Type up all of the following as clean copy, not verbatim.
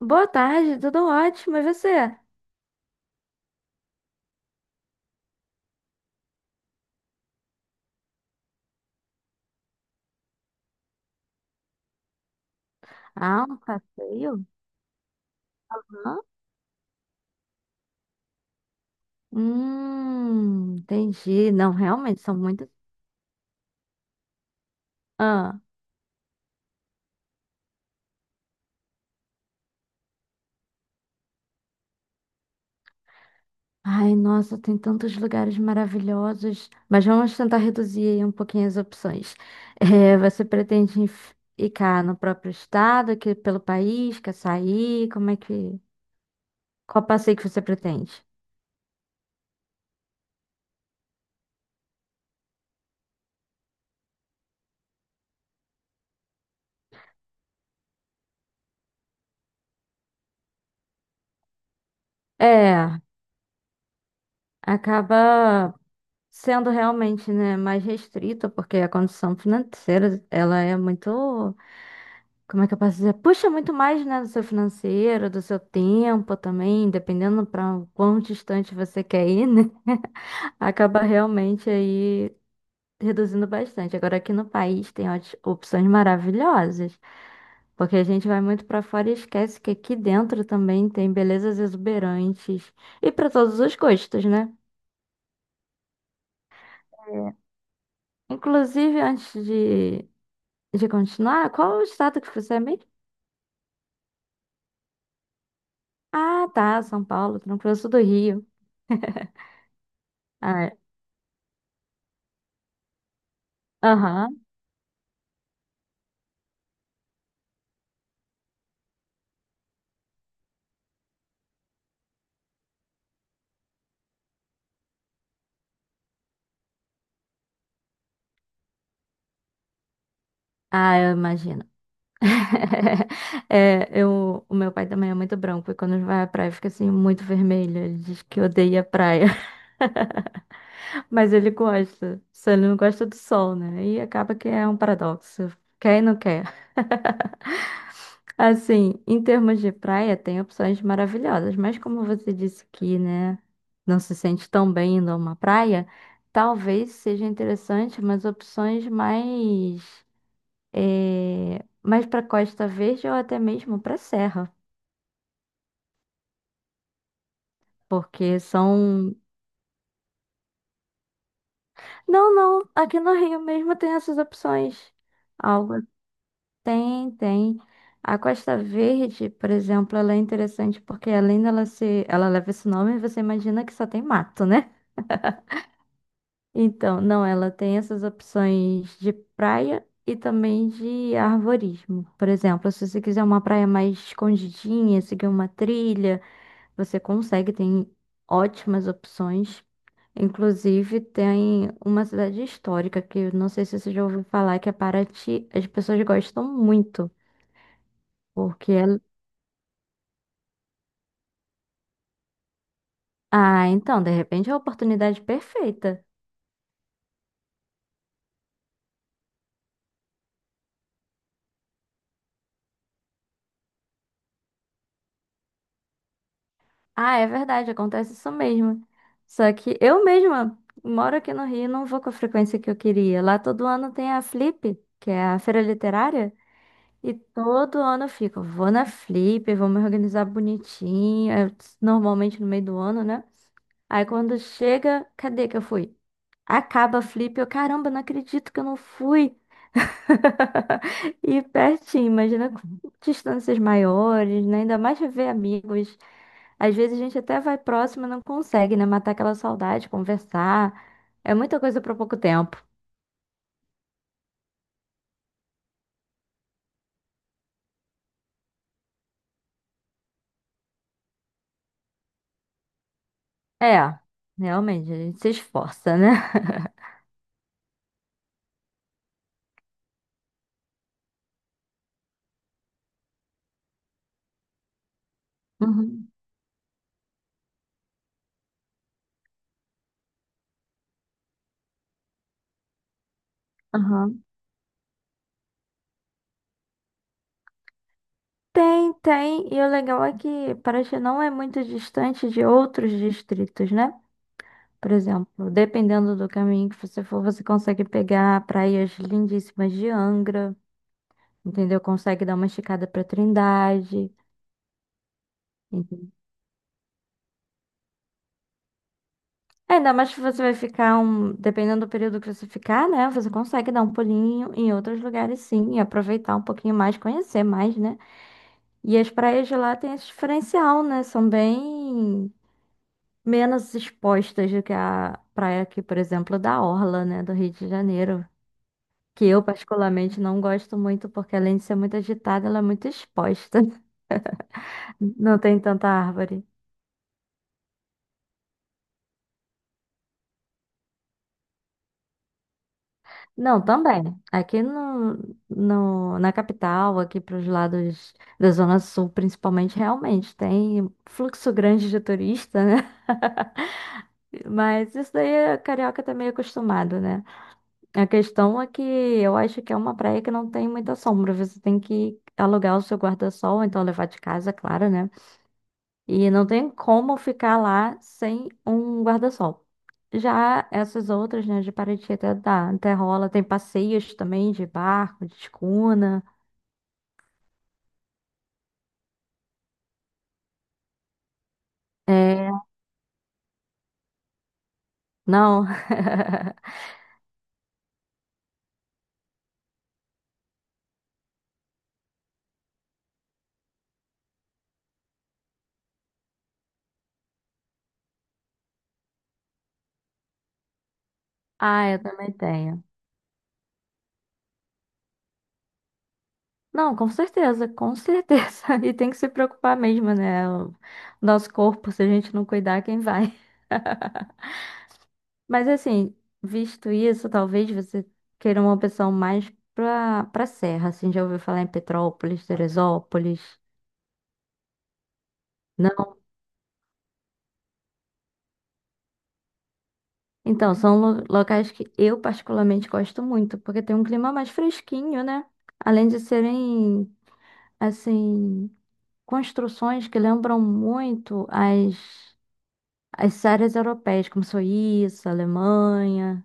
Boa tarde, tudo ótimo, e você? Ah, um passeio? Hã? Entendi. Não, realmente, são muitos. Ah. Ai, nossa, tem tantos lugares maravilhosos. Mas vamos tentar reduzir aí um pouquinho as opções. É, você pretende ficar no próprio estado, aqui pelo país, quer sair? Como é que... qual passeio que você pretende? É, acaba sendo realmente, né, mais restrito, porque a condição financeira, ela é muito... Como é que eu posso dizer? Puxa muito mais, né, do seu financeiro, do seu tempo também, dependendo para quão distante você quer ir, né? Acaba realmente aí reduzindo bastante. Agora aqui no país tem opções maravilhosas, porque a gente vai muito para fora e esquece que aqui dentro também tem belezas exuberantes e para todos os gostos, né? Inclusive, antes de continuar, qual o estado que você é mesmo? Ah, tá, São Paulo, Trancoso do Rio. Ah, é. Aham. Ah, eu imagino. É, o meu pai também é muito branco e quando vai à praia fica assim muito vermelho. Ele diz que odeia a praia, mas ele gosta. Só ele não gosta do sol, né? E acaba que é um paradoxo. Quer e não quer. Assim, em termos de praia, tem opções maravilhosas, mas como você disse que, né, não se sente tão bem indo a uma praia, talvez seja interessante umas opções mais, mais para Costa Verde ou até mesmo para Serra. Porque são... Não, não. Aqui no Rio mesmo tem essas opções. Algo tem, tem. A Costa Verde, por exemplo, ela é interessante porque além dela ser... ela leva esse nome, você imagina que só tem mato, né? Então, não, ela tem essas opções de praia e também de arvorismo. Por exemplo, se você quiser uma praia mais escondidinha, seguir uma trilha, você consegue, tem ótimas opções. Inclusive, tem uma cidade histórica que eu não sei se você já ouviu falar, que é Paraty. As pessoas gostam muito, porque... é... Ah, então, de repente é a oportunidade perfeita. Ah, é verdade, acontece isso mesmo. Só que eu mesma moro aqui no Rio e não vou com a frequência que eu queria. Lá todo ano tem a Flip, que é a feira literária, e todo ano eu fico, vou na Flip, vou me organizar bonitinho, é normalmente no meio do ano, né? Aí quando chega, cadê que eu fui? Acaba a Flip, caramba, não acredito que eu não fui. E pertinho, imagina com distâncias maiores, né? Ainda mais rever amigos. Às vezes a gente até vai próximo e não consegue, né? Matar aquela saudade, conversar. É muita coisa para pouco tempo. É, realmente, a gente se esforça, né? Uhum. Aham. Tem, tem. E o legal é que Paraty não é muito distante de outros distritos, né? Por exemplo, dependendo do caminho que você for, você consegue pegar praias lindíssimas de Angra, entendeu? Consegue dar uma esticada para Trindade. Uhum. Ainda mais que você vai ficar um, dependendo do período que você ficar, né? Você consegue dar um pulinho em outros lugares, sim, e aproveitar um pouquinho mais, conhecer mais, né? E as praias de lá têm esse diferencial, né? São bem menos expostas do que a praia aqui, por exemplo, da Orla, né? Do Rio de Janeiro. Que eu particularmente não gosto muito, porque além de ser muito agitada, ela é muito exposta. Não tem tanta árvore. Não, também. Aqui no, na capital, aqui para os lados da Zona Sul, principalmente, realmente tem fluxo grande de turista, né? Mas isso daí o carioca tá meio acostumado, né? A questão é que eu acho que é uma praia que não tem muita sombra. Você tem que alugar o seu guarda-sol, ou então levar de casa, claro, né? E não tem como ficar lá sem um guarda-sol. Já essas outras, né, de Paraty até dá, até rola. Tem passeios também de barco, de escuna. É, não. Ah, eu também tenho. Não, com certeza, com certeza. E tem que se preocupar mesmo, né? O nosso corpo, se a gente não cuidar, quem vai? Mas assim, visto isso, talvez você queira uma opção mais pra serra, assim, já ouviu falar em Petrópolis, Teresópolis, né? Então, são locais que eu particularmente gosto muito, porque tem um clima mais fresquinho, né? Além de serem, assim, construções que lembram muito as séries europeias, como Suíça, Alemanha.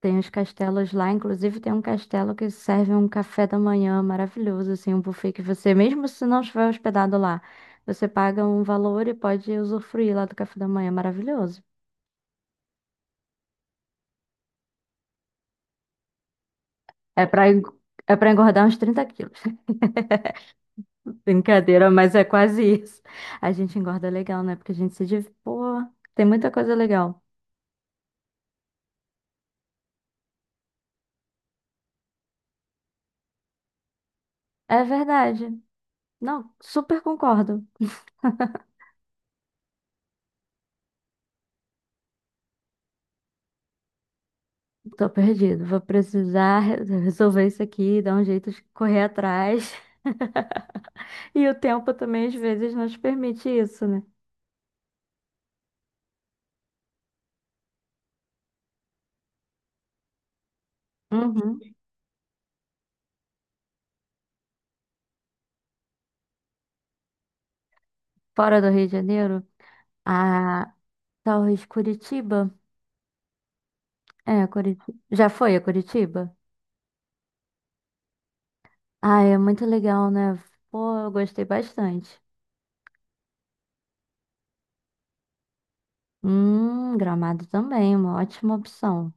Tem os castelos lá, inclusive tem um castelo que serve um café da manhã maravilhoso, assim, um buffet que você, mesmo se não estiver hospedado lá, você paga um valor e pode usufruir lá do café da manhã maravilhoso. É para é para engordar uns 30 quilos. Brincadeira, mas é quase isso. A gente engorda legal, né? Porque a gente se div... Pô, tem muita coisa legal. É verdade. Não, super concordo. Tô perdido. Vou precisar resolver isso aqui, dar um jeito de correr atrás. E o tempo também, às vezes, nos permite isso, né? Uhum. Fora do Rio de Janeiro, a talvez Curitiba. É, Curitiba. Já foi a Curitiba? Ah, é muito legal, né? Pô, eu gostei bastante. Gramado também, uma ótima opção.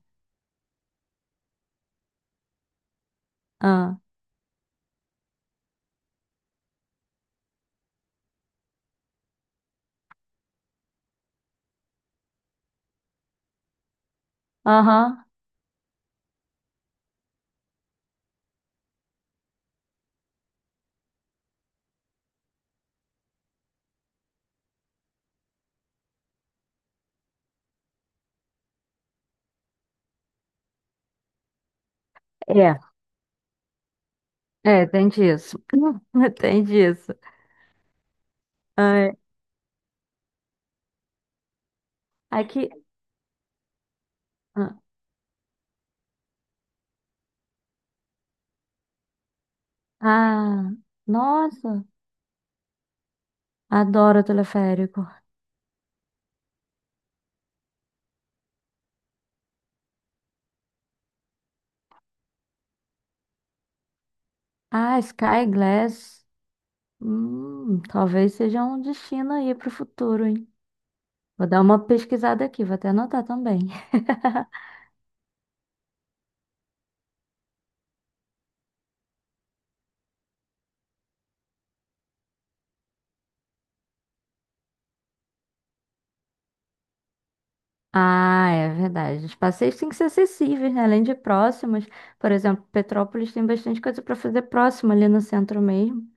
Ah, aham, é, é, tem disso. Tem disso. Ai, aqui, ah, ah, nossa, adoro teleférico. Ah, Sky Glass, talvez seja um destino aí para o futuro, hein? Vou dar uma pesquisada aqui, vou até anotar também. Ah, é verdade. Os passeios têm que ser acessíveis, né? Além de próximos. Por exemplo, Petrópolis tem bastante coisa para fazer próximo ali no centro mesmo.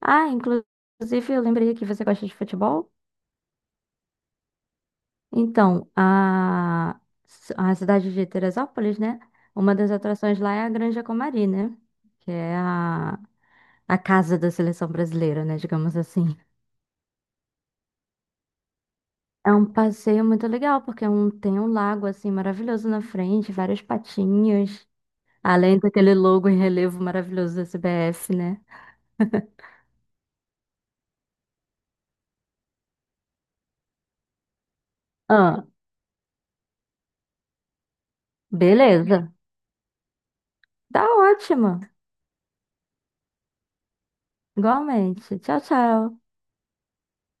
Ah, inclusive eu lembrei que você gosta de futebol. Então, a cidade de Teresópolis, né? Uma das atrações lá é a Granja Comari, né? Que é a casa da seleção brasileira, né? Digamos assim. É um passeio muito legal, porque é um... tem um lago assim maravilhoso na frente, vários patinhos. Além daquele logo em relevo maravilhoso da CBF, né? Ah, beleza. Tá ótimo. Igualmente. Tchau, tchau.